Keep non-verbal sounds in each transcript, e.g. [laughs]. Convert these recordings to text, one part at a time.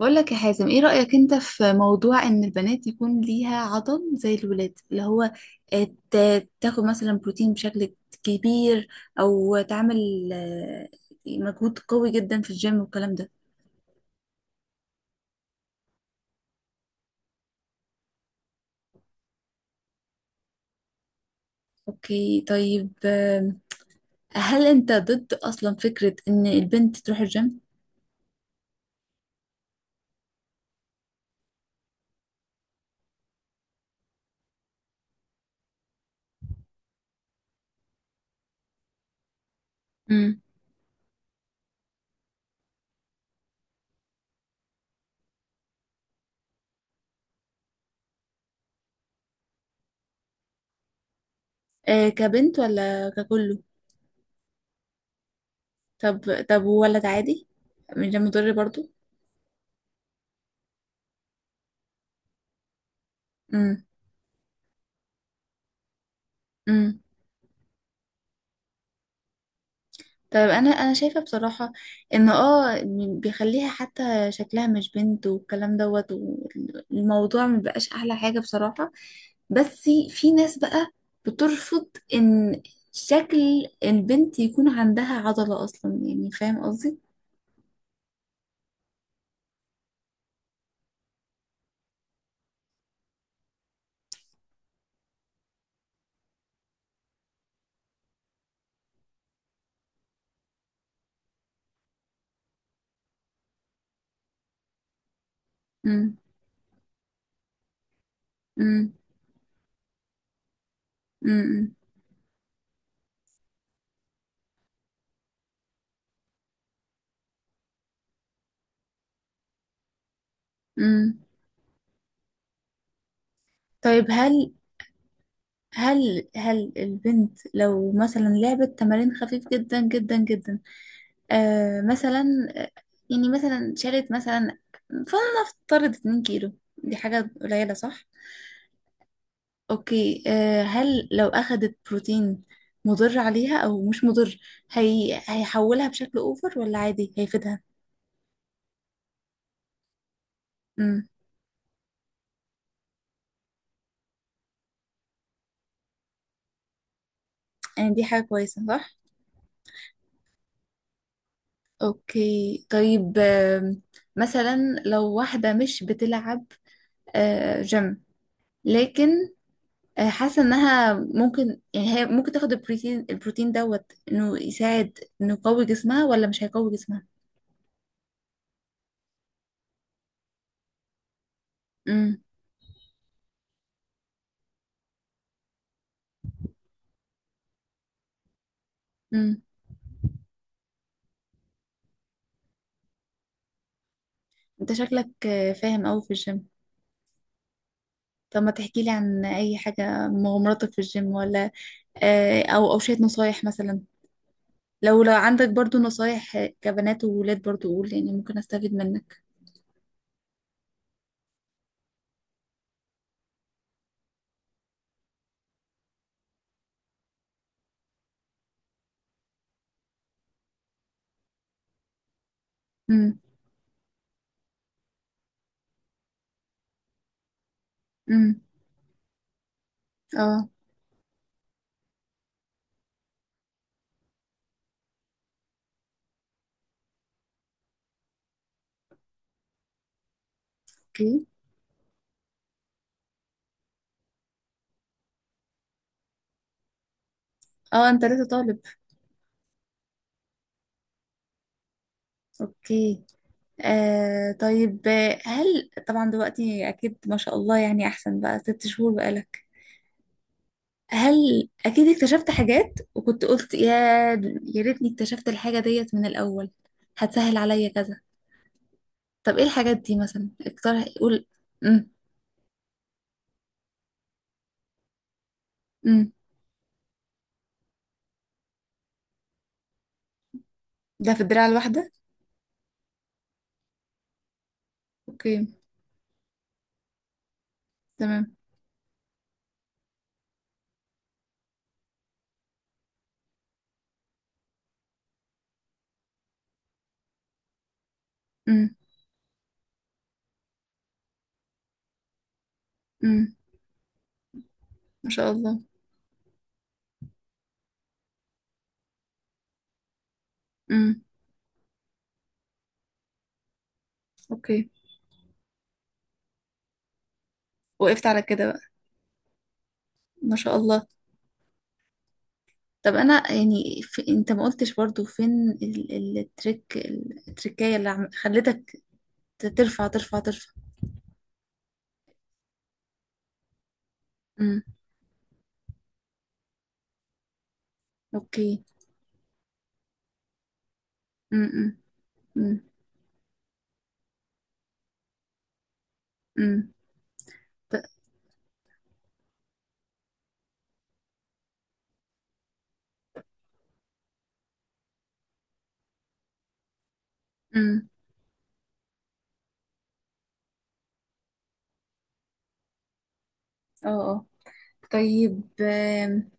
بقول لك يا حازم ايه رأيك انت في موضوع ان البنات يكون ليها عضل زي الولاد اللي هو تاخد مثلا بروتين بشكل كبير، او تعمل مجهود قوي جدا في الجيم والكلام ده. اوكي، طيب. هل انت ضد اصلا فكرة ان البنت تروح الجيم؟ امم. كبنت ولا ككله؟ طب ولد عادي، مش ده مضر برضو؟ امم. طيب، انا شايفه بصراحه ان بيخليها حتى شكلها مش بنت، والكلام دوت، والموضوع مبقاش احلى حاجه بصراحه. بس في ناس بقى بترفض ان شكل البنت يكون عندها عضله اصلا، يعني فاهم قصدي؟ امم. امم. امم. امم. طيب، هل البنت لو مثلا لعبت تمارين خفيف جدا جدا جدا، مثلا يعني مثلا شالت مثلا فلنفترض 2 كيلو، دي حاجة قليلة، صح؟ اوكي، هل لو اخدت بروتين مضر عليها او مش مضر؟ هي هيحولها بشكل اوفر ولا عادي هيفيدها؟ امم. يعني دي حاجة كويسة، صح؟ اوكي، طيب. مثلا لو واحدة مش بتلعب جيم، لكن حاسه انها ممكن، يعني هي ممكن تاخد البروتين دوت، انه يساعد، انه يقوي جسمها ولا مش هيقوي جسمها؟ امم. امم. انت شكلك فاهم قوي في الجيم. طب ما تحكي لي عن اي حاجه، مغامراتك في الجيم، ولا او شويه نصايح مثلا، لو عندك برضو نصايح كبنات وولاد برضو قول، يعني ممكن استفيد منك. امم. امم. اه. اوكي. اه، انت لسه طالب؟ اوكي. آه، طيب. هل طبعا دلوقتي أكيد ما شاء الله، يعني أحسن بقى، 6 شهور بقالك. هل أكيد اكتشفت حاجات وكنت قلت، يا ريتني اكتشفت الحاجة ديت من الأول، هتسهل عليا كذا؟ طب إيه الحاجات دي مثلا؟ اقترح، قول. امم. امم. ده في الدراع الواحدة؟ أوكي. تمام. امم. امم. ما شاء الله. امم. أوكي. وقفت على كده بقى؟ ما شاء الله. طب انا يعني، في انت ما قلتش برضو فين التركية اللي خلتك ترفع ترفع ترفع. امم. اوكي. امم. امم. امم. امم. اه. اه، طيب.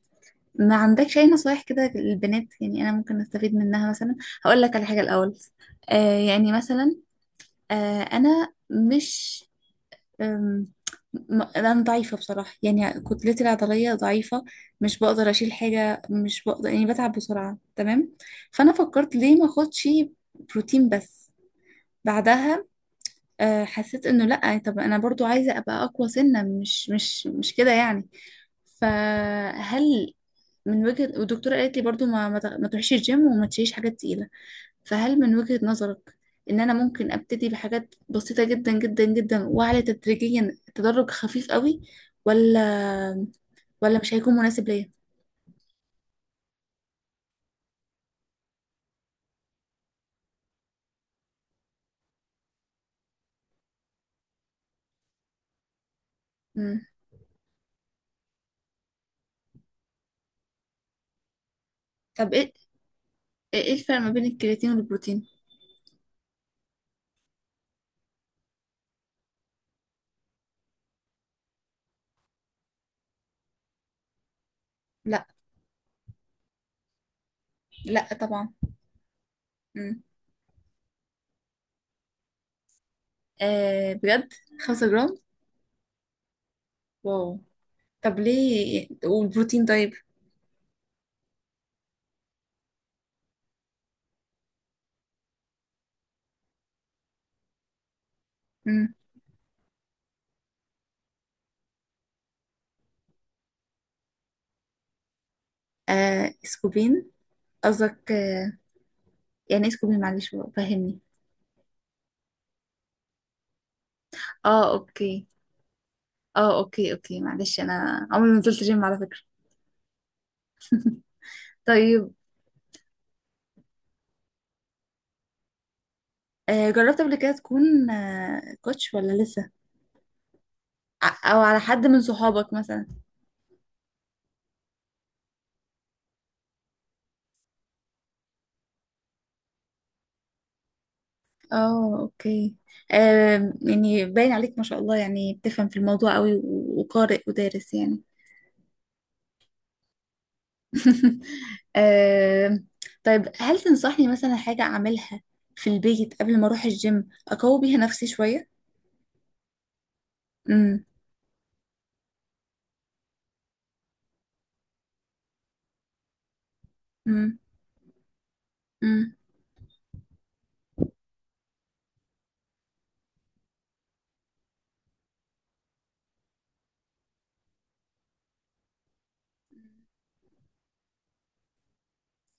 ما عندكش اي نصايح كده للبنات، يعني انا ممكن استفيد منها مثلا؟ هقول لك على حاجة الاول. يعني مثلا، انا مش، أم، انا ضعيفه بصراحه، يعني كتلتي العضليه ضعيفه، مش بقدر اشيل حاجه، مش بقدر، يعني بتعب بسرعه، تمام. فانا فكرت ليه ما اخدش بروتين، بس بعدها حسيت انه لا، طب انا برضو عايزه ابقى اقوى سنه، مش كده يعني. فهل من وجهه، والدكتوره قالت لي برضو ما تروحيش الجيم وما تشيليش حاجات تقيله، فهل من وجهة نظرك ان انا ممكن ابتدي بحاجات بسيطة جدا جدا جدا، واعلى تدريجيا، تدرج خفيف قوي، ولا ولا مش هيكون مناسب ليا؟ مم. طب ايه ايه إيه الفرق ما بين الكرياتين والبروتين؟ لا. لا طبعا. مم. آه، بجد؟ 5 جرام؟ واو. طب ليه والبروتين طيب؟ مم. آه، سكوبين؟ قصدك آه؟ يعني ايه سكوبين، معلش فهمني. اه. اوكي. اه. اوكي، اوكي، معلش انا عمري ما نزلت جيم على فكرة. طيب، جربت قبل كده تكون كوتش ولا لسه؟ او على حد من صحابك مثلا؟ اه. اوكي. يعني باين عليك ما شاء الله، يعني بتفهم في الموضوع قوي و- وقارئ ودارس يعني. [laughs] آه، طيب، هل تنصحني مثلا حاجة اعملها في البيت قبل ما اروح الجيم، اقوي بيها نفسي شوية؟ امم. امم. امم.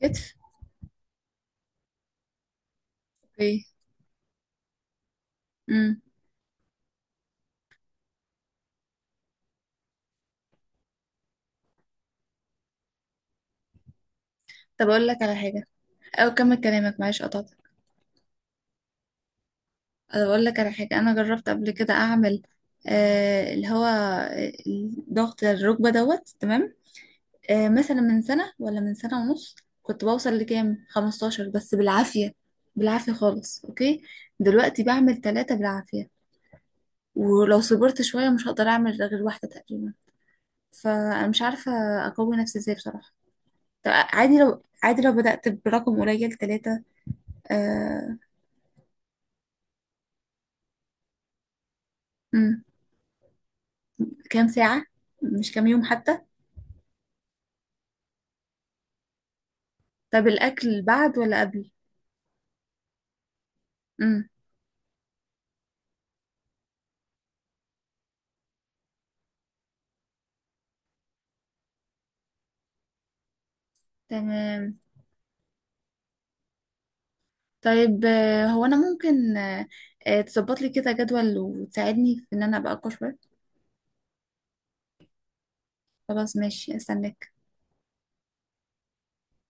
كتف. اوكي. امم. طب اقول لك على حاجة، او كمل كلامك، معلش قطعتك. أنا بقول لك على حاجة. أنا جربت قبل كده أعمل اللي هو ضغط الركبة دوت، تمام؟ مثلا من سنة ولا من سنة ونص، كنت بوصل لكام 15، بس بالعافية، بالعافية خالص، أوكي؟ دلوقتي بعمل 3 بالعافية، ولو صبرت شوية مش هقدر أعمل غير واحدة تقريبا. فأنا مش عارفة أقوي نفسي إزاي بصراحة. طب عادي، لو عادي، لو بدأت برقم قليل، 3؟ آه. مم، كام ساعة؟ مش كام يوم حتى؟ طب الأكل بعد ولا قبل؟ امم. تمام. طيب هو انا ممكن تظبط لي كده جدول، وتساعدني في ان انا ابقى اقوى شويه؟ خلاص ماشي استناك.